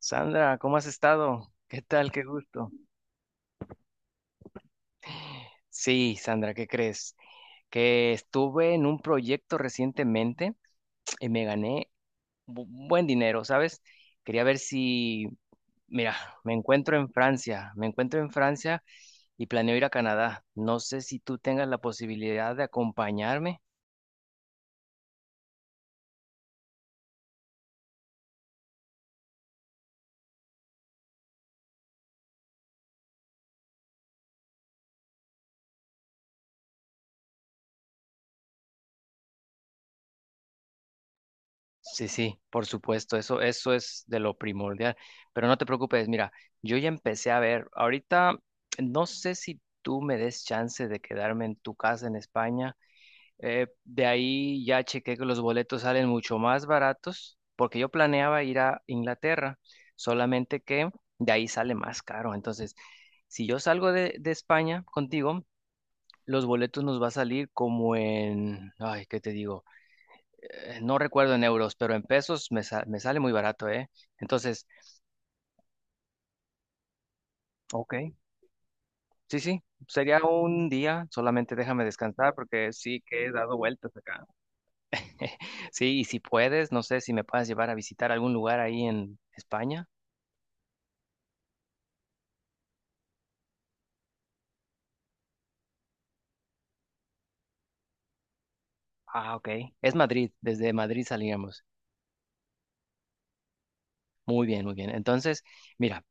Sandra, ¿cómo has estado? ¿Qué tal? Qué gusto. Sí, Sandra, ¿qué crees? Que estuve en un proyecto recientemente y me gané buen dinero, ¿sabes? Quería ver si, mira, me encuentro en Francia y planeo ir a Canadá. No sé si tú tengas la posibilidad de acompañarme. Sí, sí, por supuesto, eso es de lo primordial. Pero no te preocupes, mira, yo ya empecé a ver, ahorita no sé si tú me des chance de quedarme en tu casa en España. De ahí ya chequé que los boletos salen mucho más baratos, porque yo planeaba ir a Inglaterra, solamente que de ahí sale más caro. Entonces, si yo salgo de España contigo, los boletos nos va a salir como en, ay, ¿qué te digo? No recuerdo en euros, pero en pesos me sale muy barato, ¿eh? Entonces, ok, sí, sí, sería un día, solamente déjame descansar porque sí que he dado vueltas acá. Sí, y si puedes, no sé si me puedas llevar a visitar algún lugar ahí en España. Ah, ok. Es Madrid, desde Madrid salíamos. Muy bien, muy bien. Entonces, mira,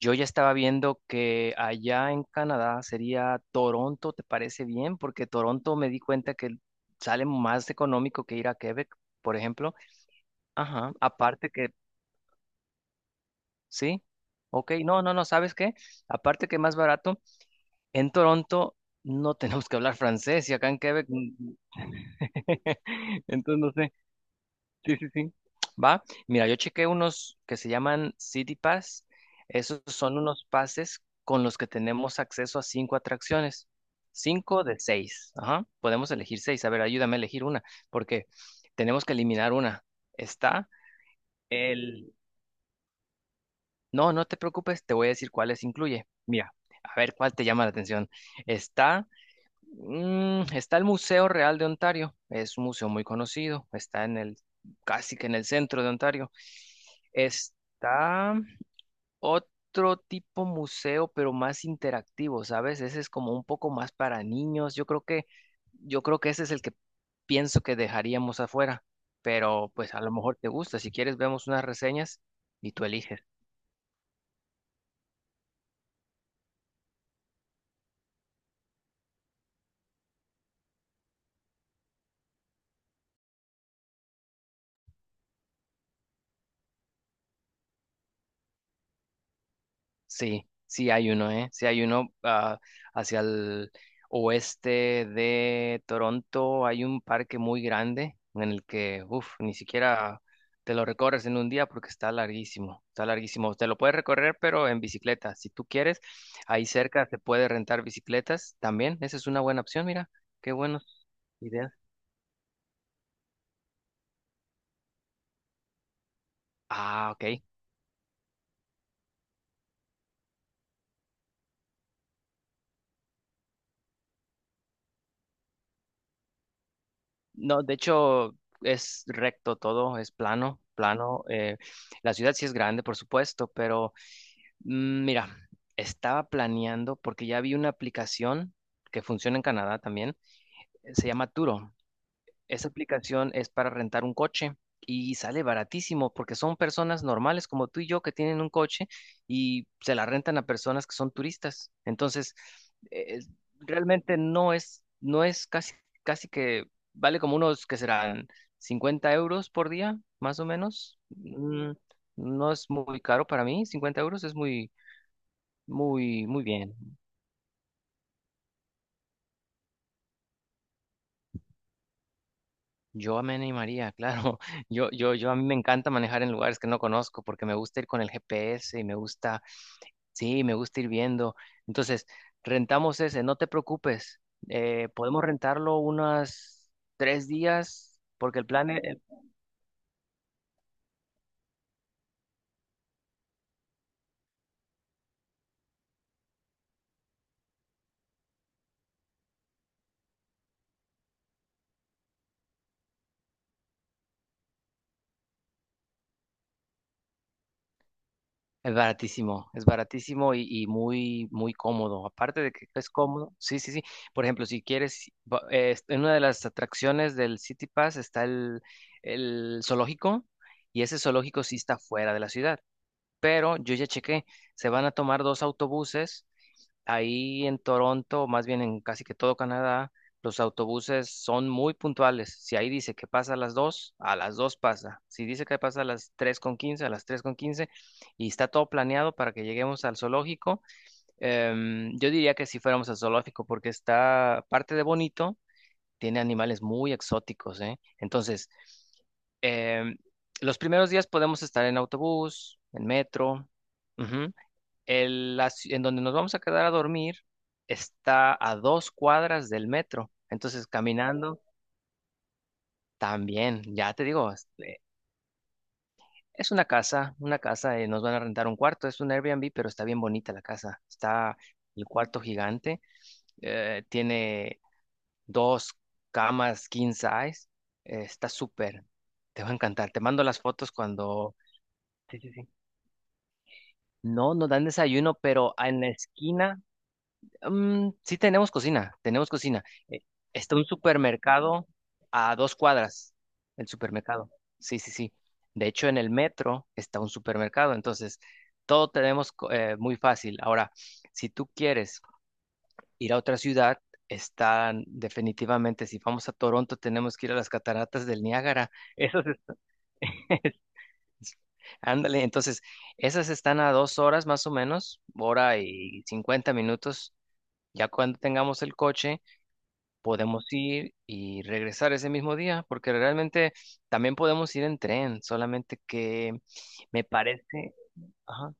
yo ya estaba viendo que allá en Canadá sería Toronto, ¿te parece bien? Porque Toronto me di cuenta que sale más económico que ir a Quebec, por ejemplo. Ajá, aparte que, sí, ok, no, no, no, ¿sabes qué? Aparte que más barato, en Toronto no tenemos que hablar francés y acá en Quebec, entonces no sé, sí, sí, sí, va. Mira, yo chequé unos que se llaman City Pass, esos son unos pases con los que tenemos acceso a cinco atracciones, cinco de seis, ajá, podemos elegir seis, a ver, ayúdame a elegir una, porque tenemos que eliminar una, está... El, No, no te preocupes, te voy a decir cuáles incluye. Mira, a ver cuál te llama la atención. Está, está el Museo Real de Ontario, es un museo muy conocido, está casi que en el centro de Ontario. Está otro tipo museo, pero más interactivo, ¿sabes? Ese es como un poco más para niños. Yo creo que ese es el que pienso que dejaríamos afuera, pero pues a lo mejor te gusta. Si quieres, vemos unas reseñas y tú eliges. Sí, sí hay uno, ¿eh? Sí hay uno hacia el oeste de Toronto. Hay un parque muy grande en el que, uff, ni siquiera te lo recorres en un día porque está larguísimo, está larguísimo. Te lo puedes recorrer, pero en bicicleta, si tú quieres. Ahí cerca se puede rentar bicicletas también. Esa es una buena opción, mira, qué buenas ideas. Ah, ok. No, de hecho es recto todo, es plano, plano. La ciudad sí es grande, por supuesto, pero mira, estaba planeando porque ya vi una aplicación que funciona en Canadá también. Se llama Turo. Esa aplicación es para rentar un coche y sale baratísimo porque son personas normales como tú y yo que tienen un coche y se la rentan a personas que son turistas. Entonces, eh, realmente no es casi, casi que vale como unos que serán 50 euros por día, más o menos. No es muy caro para mí, 50 euros es muy muy, muy bien. Yo me animaría, claro. Yo a mí me encanta manejar en lugares que no conozco porque me gusta ir con el GPS y me gusta, sí, me gusta ir viendo. Entonces, rentamos ese, no te preocupes. Podemos rentarlo unas 3 días porque el plan, es baratísimo, es baratísimo muy, muy cómodo. Aparte de que es cómodo, sí, sí, sí. Por ejemplo, si quieres, en una de las atracciones del City Pass está el zoológico y ese zoológico sí está fuera de la ciudad. Pero yo ya chequé, se van a tomar dos autobuses. Ahí en Toronto, más bien en casi que todo Canadá, los autobuses son muy puntuales. Si ahí dice que pasa a las 2 pasa. Si dice que pasa a las 3 con 15, a las 3 con 15 y está todo planeado para que lleguemos al zoológico. Yo diría que si fuéramos al zoológico, porque está parte de bonito, tiene animales muy exóticos, ¿eh? Entonces, em, los primeros días podemos estar en autobús, en metro. Ujú, en donde nos vamos a quedar a dormir está a 2 cuadras del metro. Entonces, caminando también, ya te digo, es una casa, nos van a rentar un cuarto, es un Airbnb, pero está bien bonita la casa. Está el cuarto gigante, tiene dos camas king size, está súper, te va a encantar. Te mando las fotos cuando... Sí, sí, sí. No, nos dan desayuno, pero en la esquina sí tenemos cocina, tenemos cocina. Está un supermercado a 2 cuadras, el supermercado. Sí, sí, sí. De hecho, en el metro está un supermercado, entonces todo tenemos muy fácil. Ahora, si tú quieres ir a otra ciudad, están definitivamente, si vamos a Toronto, tenemos que ir a las cataratas del Niágara. Esas, ándale, entonces, esas están a 2 horas más o menos, hora y 50 minutos. Ya cuando tengamos el coche, podemos ir y regresar ese mismo día, porque realmente también podemos ir en tren, solamente que me parece, ajá,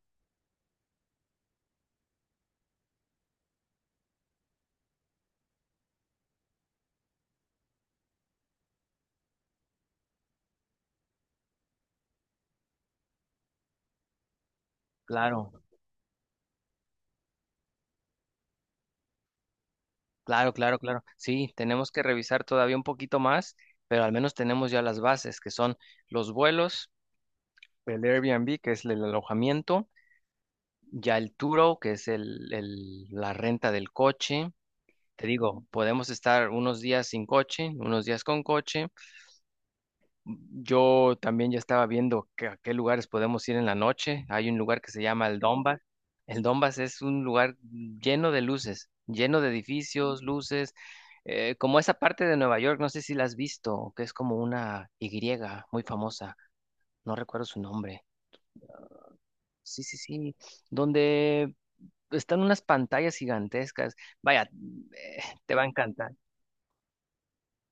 claro, claro, claro, claro. Sí, tenemos que revisar todavía un poquito más, pero al menos tenemos ya las bases, que son los vuelos, el Airbnb, que es el alojamiento, ya el Turo, que es la renta del coche. Te digo, podemos estar unos días sin coche, unos días con coche. Yo también ya estaba viendo que a qué lugares podemos ir en la noche. Hay un lugar que se llama el Dombas. El Dombas es un lugar lleno de luces, lleno de edificios, luces, como esa parte de Nueva York, no sé si la has visto, que es como una Y muy famosa, no recuerdo su nombre. Sí, sí, sí, donde están unas pantallas gigantescas. Vaya, eh, te va a encantar.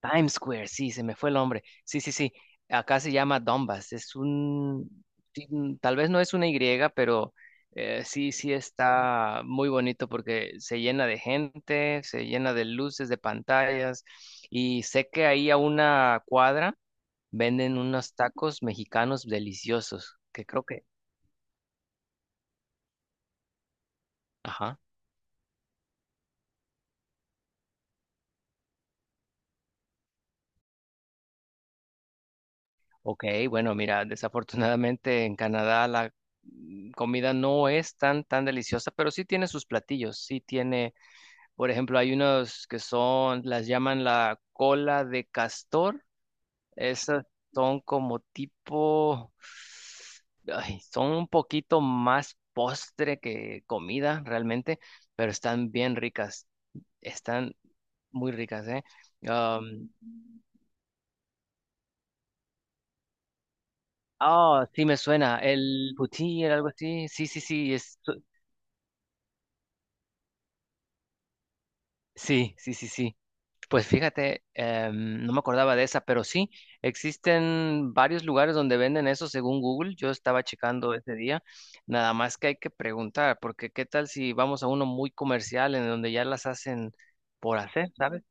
Times Square, sí, se me fue el nombre. Sí, sí, sí. Acá se llama Donbass. Es un, ti- mm, tal vez no es una Y, pero sí, sí está muy bonito porque se llena de gente, se llena de luces, de pantallas. Y sé que ahí a una cuadra venden unos tacos mexicanos deliciosos, que creo que, ajá. Ok, bueno, mira, desafortunadamente en Canadá la comida no es tan, tan deliciosa, pero sí tiene sus platillos, sí tiene. Por ejemplo, hay unos que son, las llaman la cola de castor. Esas son como tipo, ay, son un poquito más postre que comida realmente, pero están bien ricas. Están muy ricas, ¿eh? Am, Ah, sí me suena. El poutine, era algo así. Sí, sí, sí. Sí, sí, sí, sí. Pues fíjate, no me acordaba de esa, pero sí, existen varios lugares donde venden eso según Google. Yo estaba checando ese día, nada más que hay que preguntar, porque qué tal si vamos a uno muy comercial en donde ya las hacen por hacer, ¿sabes?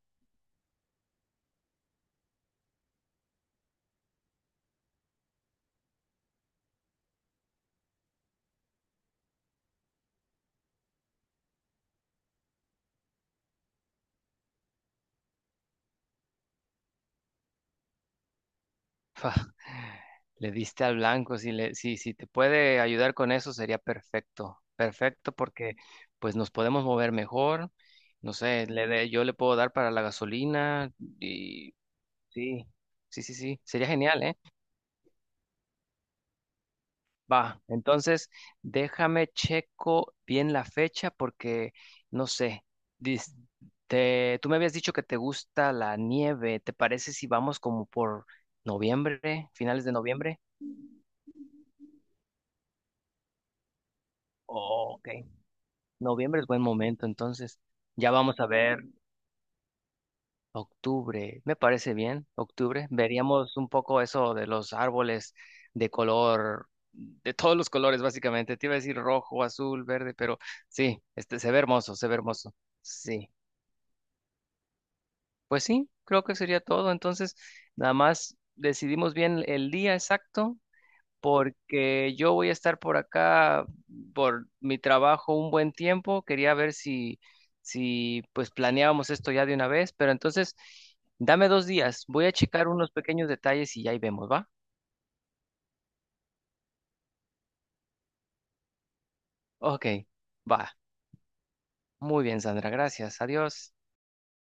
Le diste al blanco, si le, si, si te puede ayudar con eso sería perfecto, perfecto porque pues nos podemos mover mejor, no sé, yo le puedo dar para la gasolina y sí, sí, sí, sí, sería genial, ¿eh? Va, entonces déjame checo bien la fecha porque no sé. dis- tú me habías dicho que te gusta la nieve. ¿Te parece si vamos como por noviembre, finales de noviembre? Oh, ok. Noviembre es buen momento, entonces ya vamos a ver. Octubre, me parece bien, octubre. Veríamos un poco eso de los árboles de color, de todos los colores básicamente. Te iba a decir rojo, azul, verde, pero sí, este se ve hermoso, se ve hermoso. Sí, pues sí, creo que sería todo. Entonces, nada más decidimos bien el día exacto porque yo voy a estar por acá por mi trabajo un buen tiempo. Quería ver si, si pues planeábamos esto ya de una vez, pero entonces dame 2 días. Voy a checar unos pequeños detalles y ya ahí vemos, ¿va? Ok, va. Muy bien, Sandra, gracias. Adiós.